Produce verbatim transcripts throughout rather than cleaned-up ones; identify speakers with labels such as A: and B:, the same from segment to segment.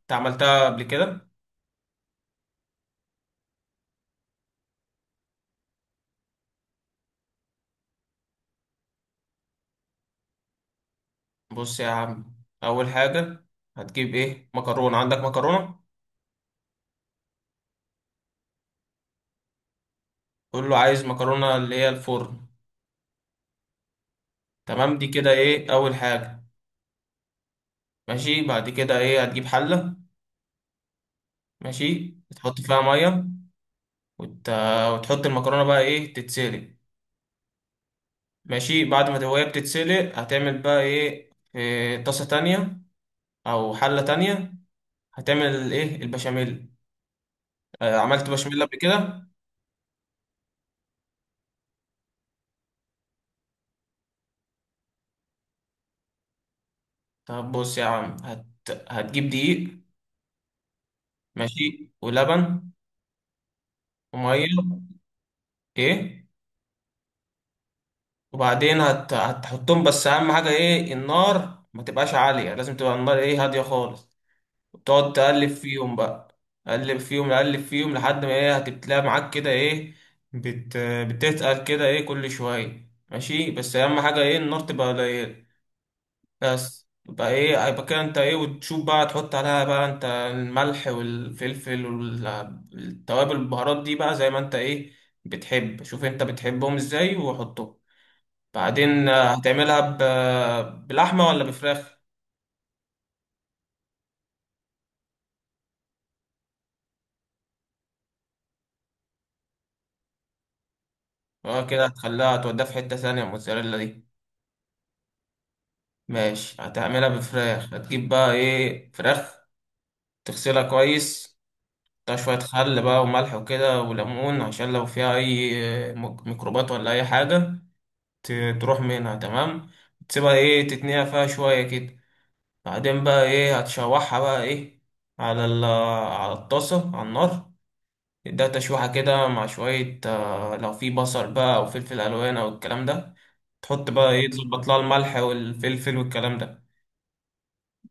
A: انت عملتها قبل كده. بص يا عم، اول حاجه هتجيب ايه؟ مكرونه. عندك مكرونه؟ قول له عايز مكرونه اللي هي الفرن. تمام، دي كده ايه اول حاجه. ماشي، بعد كده ايه؟ هتجيب حله. ماشي، تحط فيها ميه وت... وتحط المكرونه، بقى ايه، تتسلق. ماشي، بعد ما هي بتتسلق هتعمل بقى ايه؟ في طاسه تانية او حله تانية هتعمل ايه؟ البشاميل. آه، عملت بشاميل قبل كده؟ طب بص يا عم، هت... هتجيب دقيق، ماشي، ولبن، وميه، ايه، وبعدين هت... هتحطهم، بس اهم حاجه ايه، النار ما تبقاش عاليه، لازم تبقى النار ايه، هاديه خالص. وتقعد تقلب فيهم بقى، قلب فيهم، قلب فيهم لحد ما ايه، هتبتلاقي معاك كده ايه، بت... بتتقل كده ايه كل شويه. ماشي، بس اهم حاجه ايه، النار تبقى قليله. بس يبقى ايه، يبقى كده انت ايه، وتشوف بقى تحط عليها بقى انت الملح والفلفل والتوابل البهارات دي، بقى زي ما انت ايه، بتحب. شوف انت بتحبهم ازاي وحطهم. بعدين آه، هتعملها ب- بلحمة ولا بفراخ؟ اه، كده هتخليها توديها في حتة ثانية، الموتزاريلا دي. ماشي، هتعملها بفراخ. هتجيب بقى ايه، فراخ، تغسلها كويس، تحطها شوية خل بقى وملح وكده وليمون، عشان لو فيها أي ميكروبات ولا أي حاجة ت- تروح منها. تمام، تسيبها ايه تتنقع فيها شوية كده. بعدين بقى ايه، هتشوحها بقى ايه على ال على الطاسة على النار، تديها تشويحة كده مع شوية، آه، لو في بصل بقى أو فلفل ألوان أو الكلام ده. تحط بقى ايه، تظبط لها الملح والفلفل والكلام ده.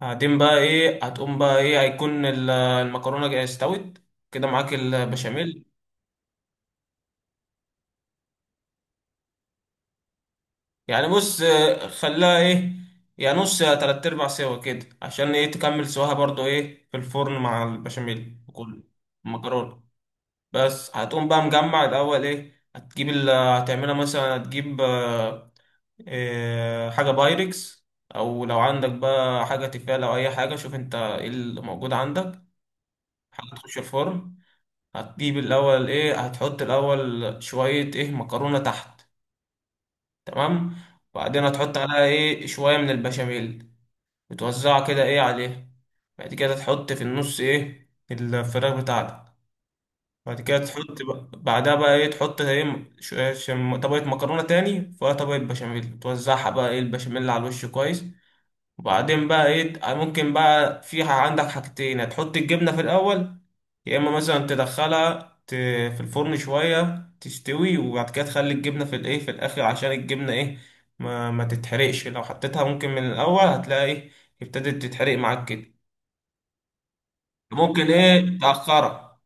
A: بعدين بقى ايه، هتقوم بقى ايه، هيكون ال- المكرونة جاية استوت كده، معاك البشاميل. يعني بص، آه، خلاها ايه يعني، نص يا تلات ارباع سوا كده، عشان ايه، تكمل سواها برضو ايه في الفرن مع البشاميل وكل. المكرونة، بس هتقوم بقى مجمع الاول ايه، هتجيب ال- هتعملها مثلا، هتجيب آه، آه، حاجة بايركس، او لو عندك بقى حاجة تيفال او اي حاجة، شوف انت ايه اللي موجود عندك، حاجة تخش الفرن. هتجيب الاول ايه، هتحط الاول شوية ايه مكرونة تحت، تمام، وبعدين هتحط عليها ايه شويه من البشاميل، بتوزعها كده ايه عليه. بعد كده تحط في النص ايه الفراخ بتاعتك. بعد كده تحط بقى بعدها بقى ايه، تحط ايه، م- ش- ش- طبقة مكرونة تاني، فيها طبقة بشاميل، توزعها بقى ايه البشاميل على الوش كويس. وبعدين بقى ايه، ت- ممكن بقى في ح- عندك حاجتين، هتحط الجبنة في الأول، يا إما مثلا تدخلها ت- في الفرن شوية تستوي، وبعد كده تخلي الجبنة في الايه، في الآخر، عشان الجبنة ايه ما, ما تتحرقش، لو حطيتها ممكن من الأول هتلاقي ايه، ابتدت تتحرق معاك كده. ممكن ايه، تأخرها.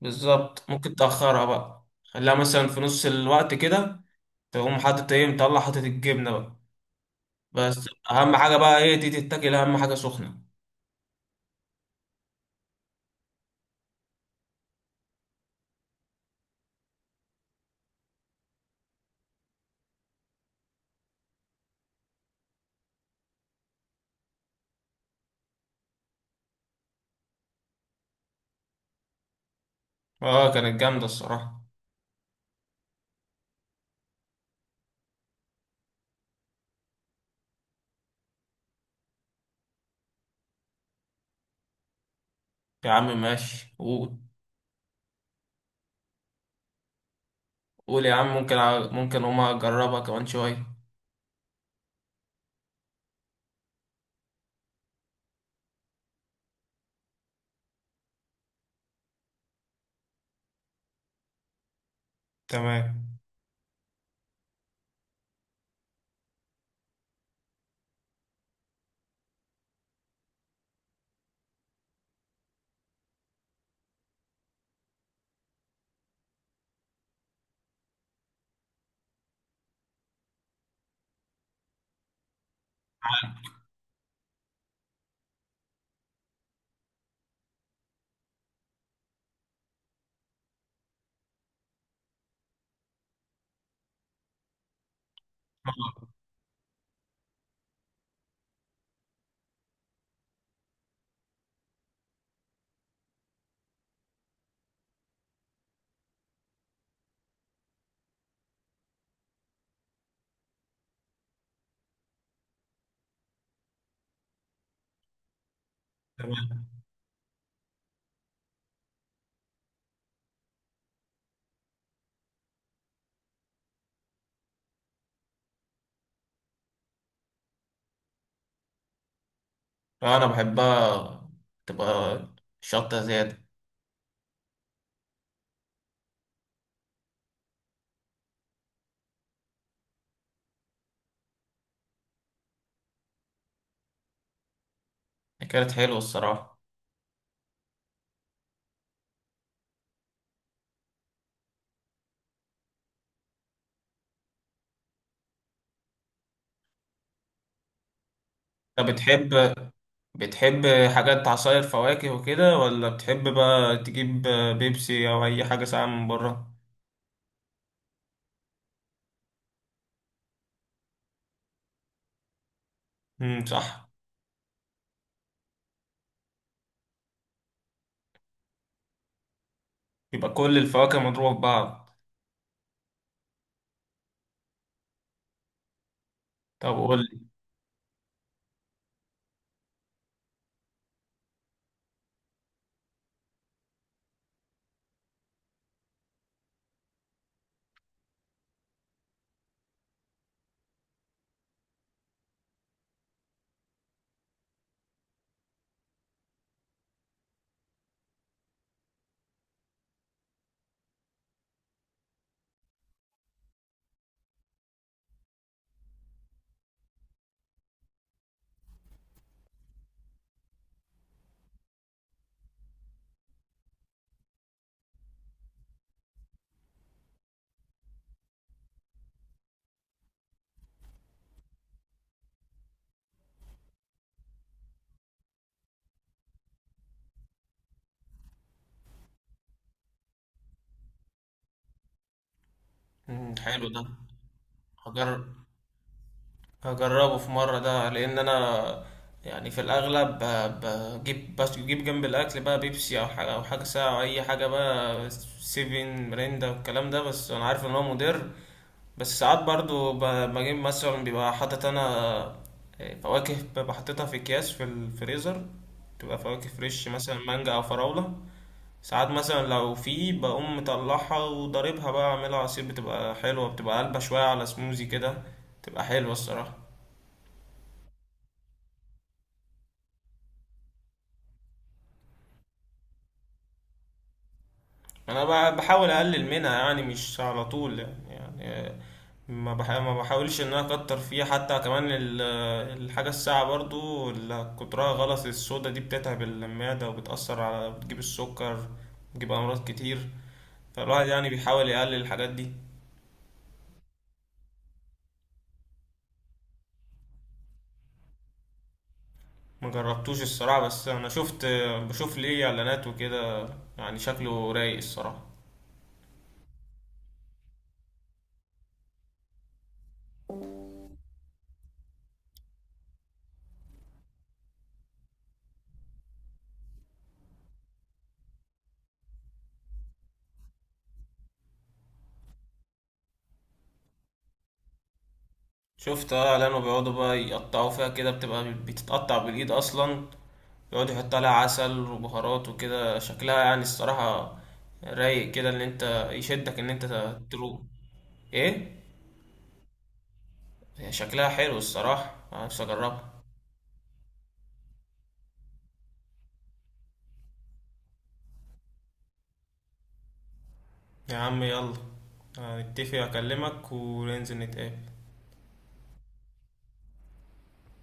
A: بالظبط، ممكن تأخرها بقى، خليها مثلا في نص الوقت كده، تقوم حاطط ايه، مطلع حاطط الجبنة بقى. بس أهم حاجة بقى ايه، دي تتاكل أهم حاجة سخنة. اه، كانت جامدة الصراحة. يا عم ماشي، قول. قول يا عم، ممكن أ- ممكن هما أجربها كمان شوية. تمام، تمام. آه، أنا بحبها، تبقى شطة زيادة. كانت حلوة الصراحة. أنت بتحب، بتحب حاجات عصاير فواكه وكده، ولا بتحب بقى تجيب بيبسي او اي حاجه ساقعه من بره؟ امم صح. يبقى كل الفواكه مضروبه في بعض؟ طب قول لي. امم حلو ده. هجرب، هجربه في مره ده، لان انا يعني في الاغلب ب- بجيب، بس بجيب جنب الاكل بقى بيبسي او حاجه، او حاجه ساقعه او اي حاجه بقى، سيفن، مريندا والكلام ده، بس انا عارف ان هو مضر. بس ساعات برضو ب- بجيب مثلا، بيبقى حاطط انا آه، فواكه، ببقى حاططها في اكياس في الفريزر، تبقى فواكه فريش، مثلا مانجا او فراولة. ساعات مثلا لو في، بقوم مطلعها وضاربها بقى، اعملها عصير، بتبقى حلوة، بتبقى قلبة شوية على سموزي كده، بتبقى حلوة الصراحة. انا ب- بحاول اقلل منها يعني، مش على طول يعني, يعني ما بح- ما بحاولش ان انا اكتر فيها. حتى كمان ال- الحاجه الساعه برضو اللي كترها غلط، الصودا دي بتتعب المعده وبتاثر على، بتجيب السكر، بتجيب امراض كتير، فالواحد يعني بيحاول يقلل الحاجات دي. ما جربتوش الصراحه، بس انا شفت، بشوف ليه اعلانات وكده، يعني شكله رايق الصراحه. شفت، اه، لانه بيقعدوا بقى يقطعوا فيها كده، بتبقى بتتقطع بالايد اصلا، يقعد يحط عليها عسل وبهارات وكده، شكلها يعني الصراحة رايق كده، ان انت يشدك ان انت تروح. ايه، هي شكلها حلو الصراحة، أنا نفسي اجربها. يا عم يلا، هنتفق اكلمك وننزل نتقابل.